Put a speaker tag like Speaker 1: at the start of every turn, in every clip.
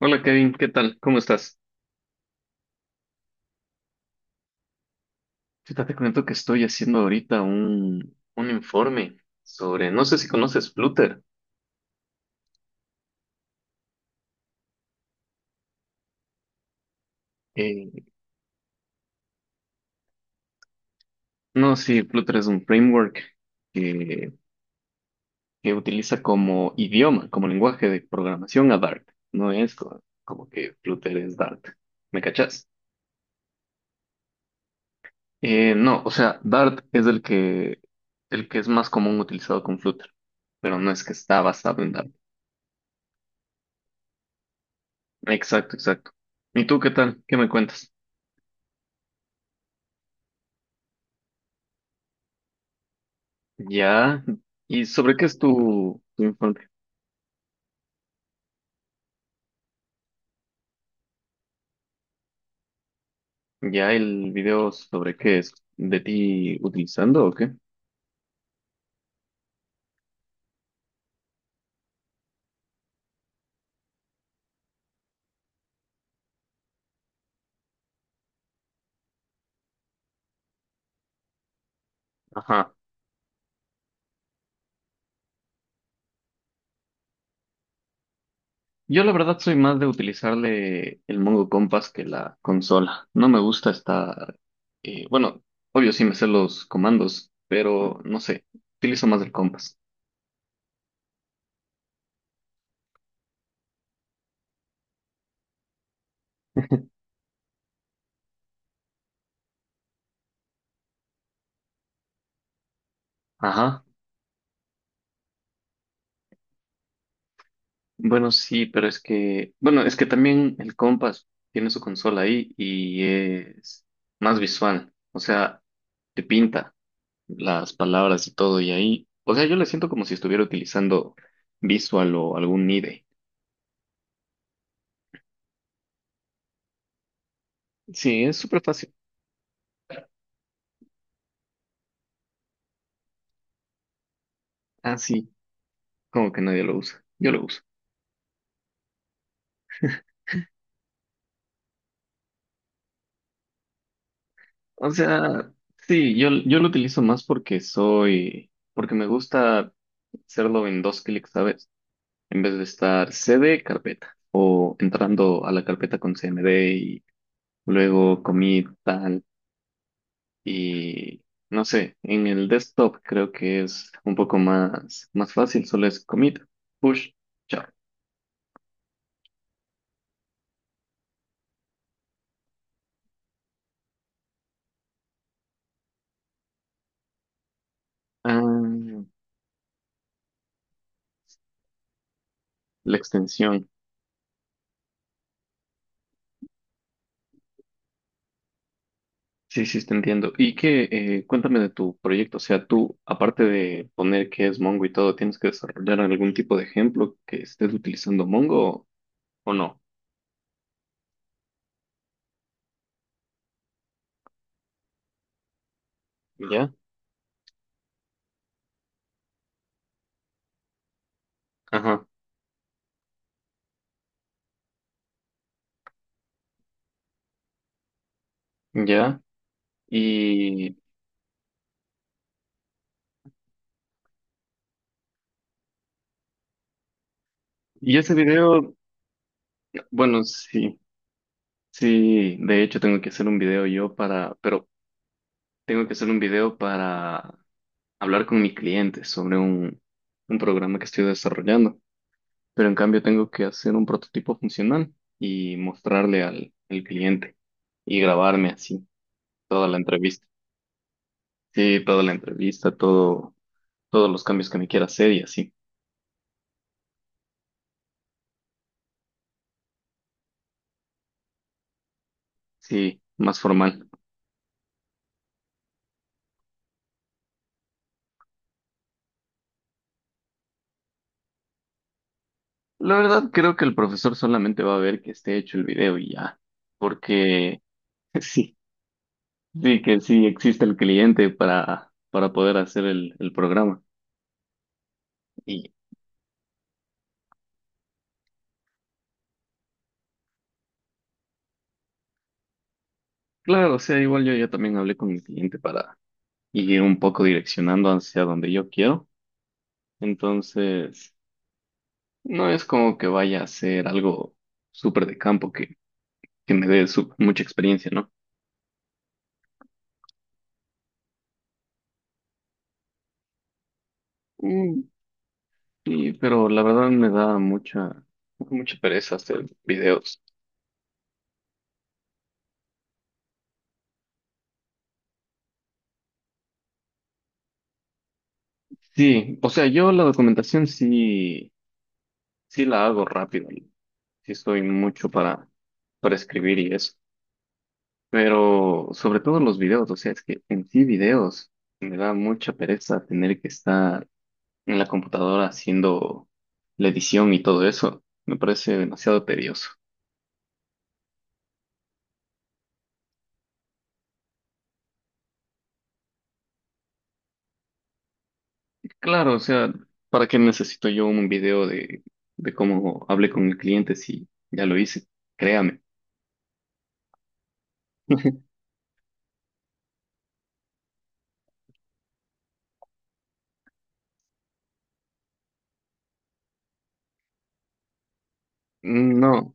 Speaker 1: Hola Kevin, ¿qué tal? ¿Cómo estás? Chuta, te comento que estoy haciendo ahorita un informe sobre, no sé si conoces Flutter. Eh, no, sí, Flutter es un framework que, que utiliza como idioma, como lenguaje de programación a Dart. No es como que Flutter es Dart. ¿Me cachas? No, o sea, Dart es el el que es más común utilizado con Flutter, pero no es que está basado en Dart. Exacto, exacto. ¿Y tú qué tal? ¿Qué me cuentas? Ya. ¿Y sobre qué es tu infancia? ¿Ya el video sobre qué es? ¿De ti utilizando o qué? Ajá. Yo la verdad soy más de utilizarle el Mongo Compass que la consola. No me gusta estar... eh, bueno, obvio sí me sé los comandos, pero no sé, utilizo más el Compass. Ajá. Bueno, sí, pero es que... Bueno, es que también el Compass tiene su consola ahí y es más visual. O sea, te pinta las palabras y todo, y ahí, o sea, yo la siento como si estuviera utilizando Visual o algún IDE. Sí, es súper fácil. Ah, sí, como que nadie lo usa. Yo lo uso. O sea, sí, yo lo utilizo más porque soy, porque me gusta hacerlo en dos clics, ¿sabes? En vez de estar c d carpeta, o entrando a la carpeta con CMD y luego commit, tal. Y no sé, en el desktop creo que es un poco más, más fácil, solo es commit, push, chao. Ah, la extensión. Sí, sí, te entiendo. Y que cuéntame de tu proyecto. O sea, tú, aparte de poner que es Mongo y todo, ¿tienes que desarrollar algún tipo de ejemplo que estés utilizando Mongo o no? ¿Ya? Ajá, ya. Y, y ese video, bueno, sí, sí, de hecho tengo que hacer un video yo para, pero tengo que hacer un video para hablar con mi cliente sobre un programa que estoy desarrollando, pero en cambio tengo que hacer un prototipo funcional y mostrarle al, al cliente y grabarme así toda la entrevista. Sí, toda la entrevista, todo, todos los cambios que me quiera hacer y así. Sí, más formal. La verdad creo que el profesor solamente va a ver que esté hecho el video y ya, porque sí, sí que sí existe el cliente para poder hacer el programa. Y claro, o sea, igual yo ya también hablé con mi cliente para ir un poco direccionando hacia donde yo quiero. Entonces, no es como que vaya a ser algo súper de campo que me dé su- mucha experiencia, ¿no? Mm, y pero la verdad me da mucha, mucha pereza hacer videos. Sí, o sea, yo la documentación sí, sí la hago rápido. Sí estoy mucho para escribir y eso. Pero sobre todo los videos, o sea, es que en sí videos me da mucha pereza tener que estar en la computadora haciendo la edición y todo eso. Me parece demasiado tedioso. Claro, o sea, ¿para qué necesito yo un video de cómo hablé con el cliente si ya lo hice? Créame. Mm, no,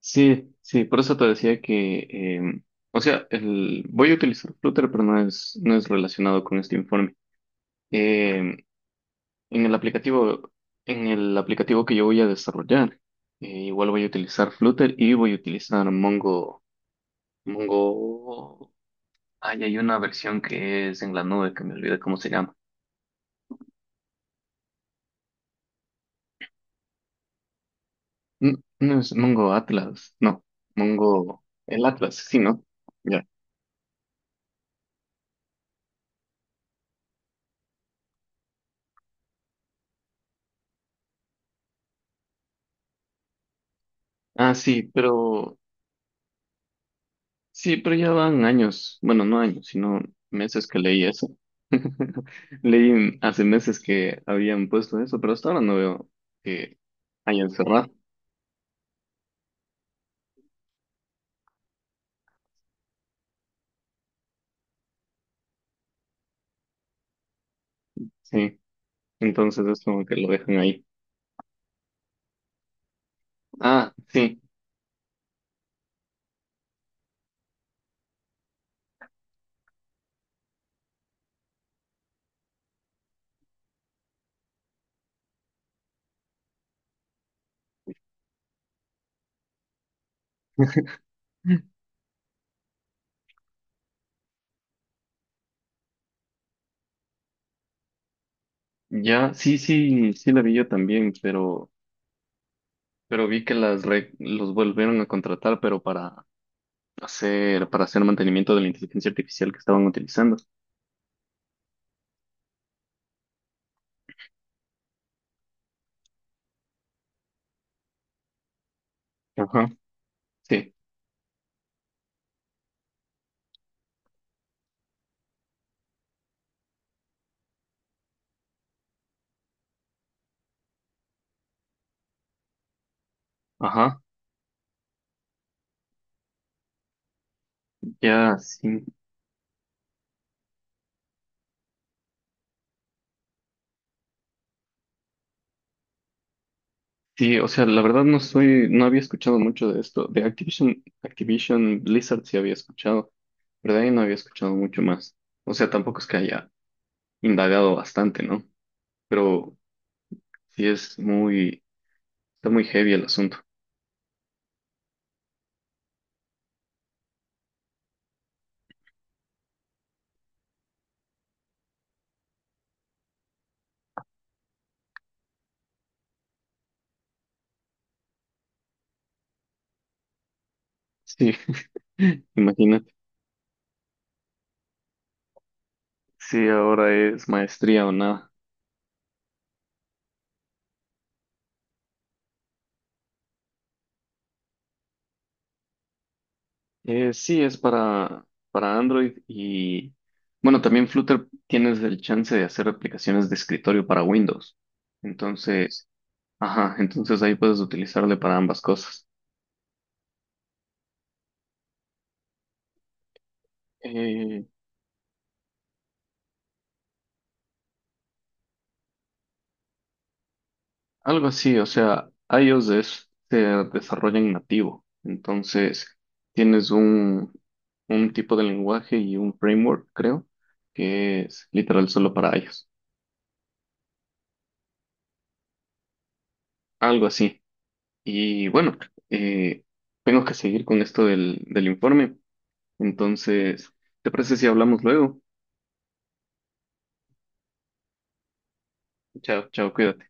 Speaker 1: sí, sí, por eso te decía que, o sea, el, voy a utilizar Flutter, pero no es, no es relacionado con este informe. Em, En el aplicativo, en el aplicativo que yo voy a desarrollar, igual voy a utilizar Flutter y voy a utilizar Mongo. Mongo. Ay, hay una versión que es en la nube que me olvidé cómo se llama. N- No, es Mongo Atlas, no. Mongo. El Atlas, sí, ¿no? Ya. Ah, sí, pero. Sí, pero ya van años. Bueno, no años, sino meses que leí eso. Leí hace meses que habían puesto eso, pero hasta ahora no veo que hayan cerrado. Sí. Entonces es como que lo dejan ahí. Ah, sí. Ya, sí, sí, sí la vi yo también, pero vi que las re- los volvieron a contratar, pero para hacer mantenimiento de la inteligencia artificial que estaban utilizando. Ajá, sí, ajá, ya, sí. Sí, o sea, la verdad no soy, no había escuchado mucho de esto. De Activision, Activision Blizzard sí había escuchado, pero de ahí no había escuchado mucho más. O sea, tampoco es que haya indagado bastante, ¿no? Pero sí es muy... Está muy heavy el asunto. Sí, imagínate. Sí, ahora es maestría o nada. Sí, es para Android y bueno, también Flutter tienes el chance de hacer aplicaciones de escritorio para Windows. Entonces, ajá, entonces ahí puedes utilizarle para ambas cosas. Eh, Algo así, o sea, iOS es- se desarrolla en nativo, entonces tienes un tipo de lenguaje y un framework, creo, que es literal solo para iOS, algo así. Y bueno, eh, tengo que seguir con esto del, del informe, entonces, ¿te parece si hablamos luego? Chao, chao, cuídate.